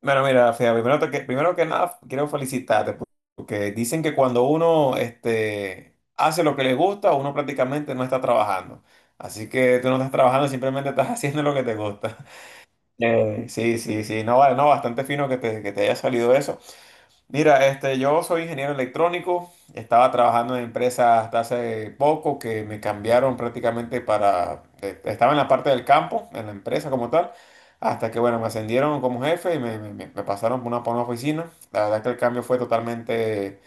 Bueno, mira, Fea, primero que nada quiero porque dicen que cuando uno hace lo que le gusta, uno prácticamente no está trabajando. Así que tú no estás trabajando, simplemente estás haciendo lo que te gusta. Sí, sí, sí, no, vale, no, bastante fino que que te haya salido eso. Mira, yo soy ingeniero electrónico, estaba trabajando en empresas hasta hace poco que me cambiaron prácticamente para, estaba en la parte del campo, en la empresa como tal, hasta que bueno, me ascendieron como jefe y me pasaron por una oficina. La verdad que el cambio fue totalmente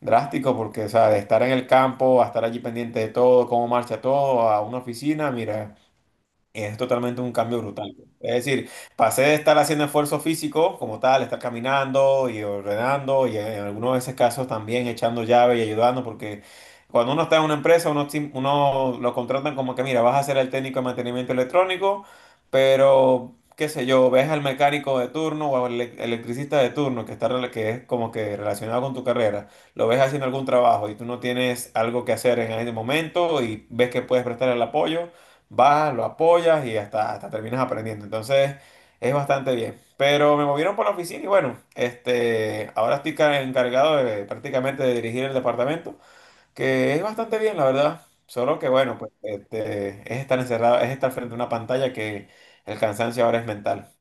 drástico porque, o sea, de estar en el campo a estar allí pendiente de todo, cómo marcha todo, a una oficina, mira. Es totalmente un cambio brutal. Es decir, pasé de estar haciendo esfuerzo físico como tal, estar caminando y ordenando y en algunos de esos casos también echando llave y ayudando, porque cuando uno está en una empresa, uno, uno lo contratan como que, mira, vas a ser el técnico de mantenimiento electrónico, pero, qué sé yo, ves al mecánico de turno o al electricista de turno que, está, que es como que relacionado con tu carrera, lo ves haciendo algún trabajo y tú no tienes algo que hacer en ese momento y ves que puedes prestar el apoyo vas, lo apoyas y hasta, hasta terminas aprendiendo. Entonces, es bastante bien. Pero me movieron por la oficina y bueno, ahora estoy encargado de prácticamente de dirigir el departamento, que es bastante bien, la verdad. Solo que bueno, pues es estar encerrado, es estar frente a una pantalla que el cansancio ahora es mental.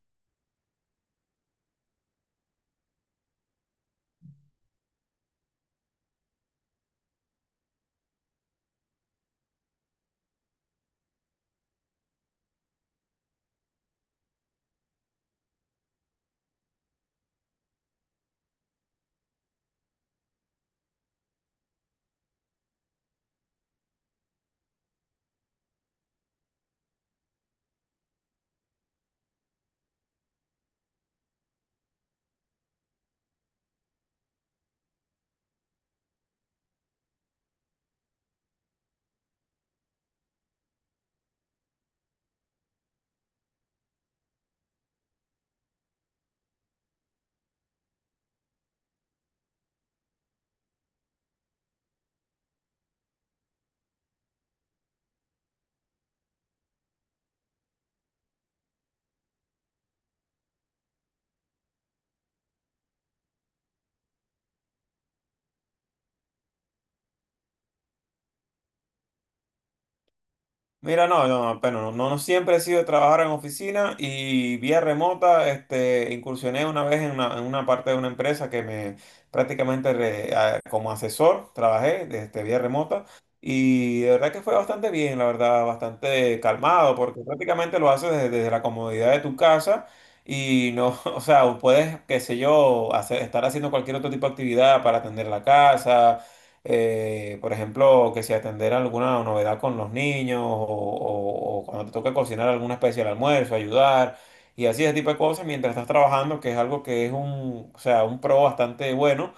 Mira, no, no, no, pero no, no siempre he sido de trabajar en oficina y vía remota, incursioné una vez en una parte de una empresa que me prácticamente como asesor trabajé vía remota y de verdad que fue bastante bien, la verdad, bastante calmado porque prácticamente lo haces desde, desde la comodidad de tu casa y no, o sea, puedes, qué sé yo, hacer, estar haciendo cualquier otro tipo de actividad para atender la casa por ejemplo, que si atender alguna novedad con los niños o cuando te toca cocinar alguna especie de almuerzo, ayudar y así ese tipo de cosas mientras estás trabajando, que es algo que es un, o sea, un pro bastante bueno,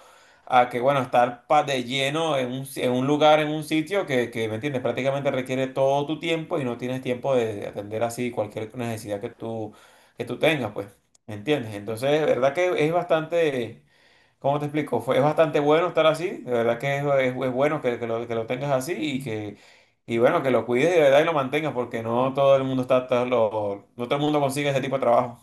a que, bueno, estar de lleno en un, en un lugar, en un sitio que, ¿me entiendes? Prácticamente requiere todo tu tiempo y no tienes tiempo de atender así cualquier necesidad que tú tengas, pues, ¿me entiendes? Entonces, verdad que es bastante. ¿Cómo te explico? Fue, es bastante bueno estar así, de verdad que es, es bueno que lo tengas así y que y bueno, que lo cuides de verdad y lo mantengas porque no todo el mundo está, está no todo el mundo consigue ese tipo de trabajo.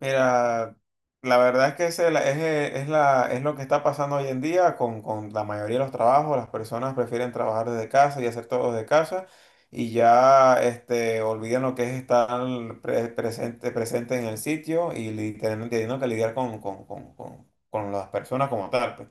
Mira, la verdad es que ese es, es la, es lo que está pasando hoy en día con la mayoría de los trabajos. Las personas prefieren trabajar desde casa y hacer todo desde casa y ya olvidan lo que es estar presente, presente en el sitio y teniendo que lidiar con las personas como tal, pues.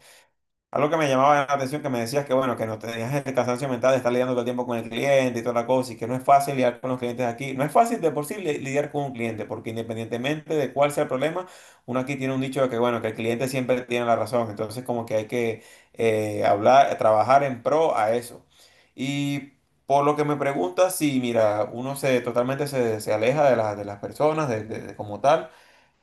Algo que me llamaba la atención, que me decías que bueno, que no tenías el cansancio mental de estar lidiando todo el tiempo con el cliente y toda la cosa, y que no es fácil lidiar con los clientes aquí. No es fácil de por sí lidiar con un cliente, porque independientemente de cuál sea el problema, uno aquí tiene un dicho de que bueno, que el cliente siempre tiene la razón. Entonces, como que hay que hablar, trabajar en pro a eso. Y por lo que me preguntas, sí, mira, uno se totalmente se, se aleja de, de las personas, de, de como tal.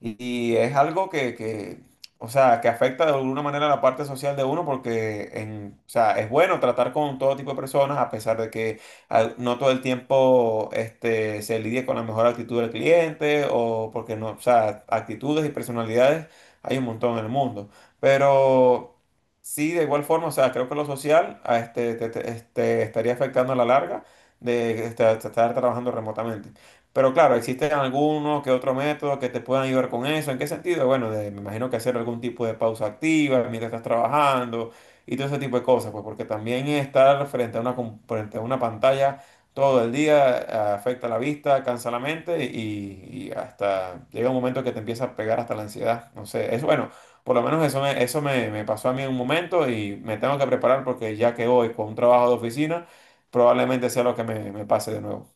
Y es algo que, o sea, que afecta de alguna manera la parte social de uno porque en, o sea, es bueno tratar con todo tipo de personas a pesar de que no todo el tiempo se lidie con la mejor actitud del cliente o porque no, o sea, actitudes y personalidades hay un montón en el mundo. Pero sí, de igual forma, o sea, creo que lo social a estaría afectando a la larga de estar trabajando remotamente. Pero claro, existen algunos que otro método que te puedan ayudar con eso. ¿En qué sentido? Bueno, me imagino que hacer algún tipo de pausa activa mientras estás trabajando y todo ese tipo de cosas, pues porque también estar frente a una, frente a una pantalla todo el día afecta la vista, cansa la mente y hasta llega un momento que te empieza a pegar hasta la ansiedad. No sé, es bueno, por lo menos eso me pasó a mí en un momento y me tengo que preparar porque ya que hoy con un trabajo de oficina, probablemente sea lo que me pase de nuevo.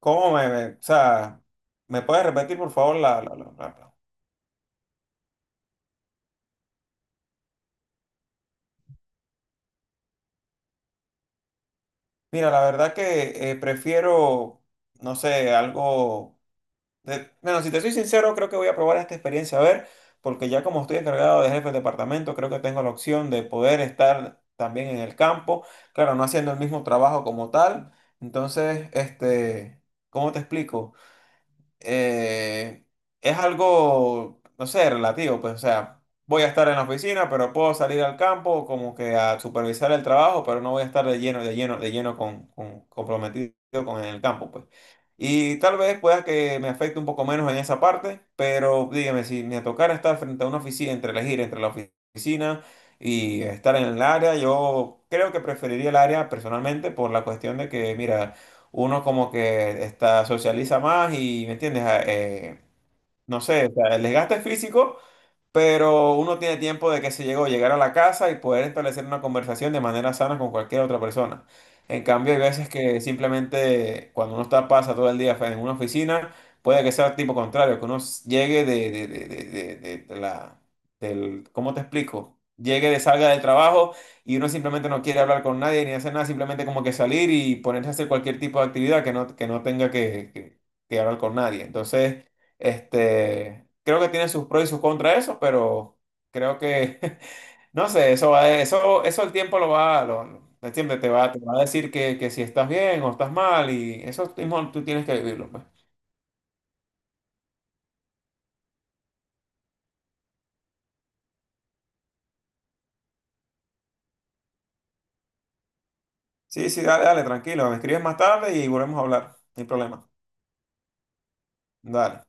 ¿Cómo o sea, me puedes repetir, por favor, Mira, la verdad que prefiero, no sé, algo. Bueno, si te soy sincero, creo que voy a probar esta experiencia, a ver, porque ya como estoy encargado de jefe de departamento, creo que tengo la opción de poder estar también en el campo, claro, no haciendo el mismo trabajo como tal. Entonces, ¿cómo te explico? eh, es algo, no sé, relativo, pues, o sea, voy a estar en la oficina, pero puedo salir al campo como que a supervisar el trabajo, pero no voy a estar de lleno, de lleno, de lleno con, comprometido con el campo, pues. Y tal vez pueda que me afecte un poco menos en esa parte, pero dígame, si me tocara estar frente a una oficina, entre elegir entre la oficina y estar en el área, yo creo que preferiría el área personalmente por la cuestión de que, mira, uno como que está, socializa más y, ¿me entiendes? No sé, o sea, el desgaste físico pero uno tiene tiempo de que se llegó llegar a la casa y poder establecer una conversación de manera sana con cualquier otra persona. En cambio, hay veces que simplemente cuando uno está pasa todo el día en una oficina, puede que sea tipo contrario, que uno llegue de la del, ¿cómo te explico? Llegue de salga del trabajo y uno simplemente no quiere hablar con nadie ni hacer nada, simplemente como que salir y ponerse a hacer cualquier tipo de actividad que no tenga que, que hablar con nadie. Entonces, creo que tiene sus pros y sus contras eso, pero creo que, no sé, eso va, eso el tiempo lo va, lo, el tiempo te va a decir que si estás bien o estás mal y eso mismo tú tienes que vivirlo, pues. Sí, sí, dale, dale, tranquilo, me escribes más tarde y volvemos a hablar, no hay problema. Dale.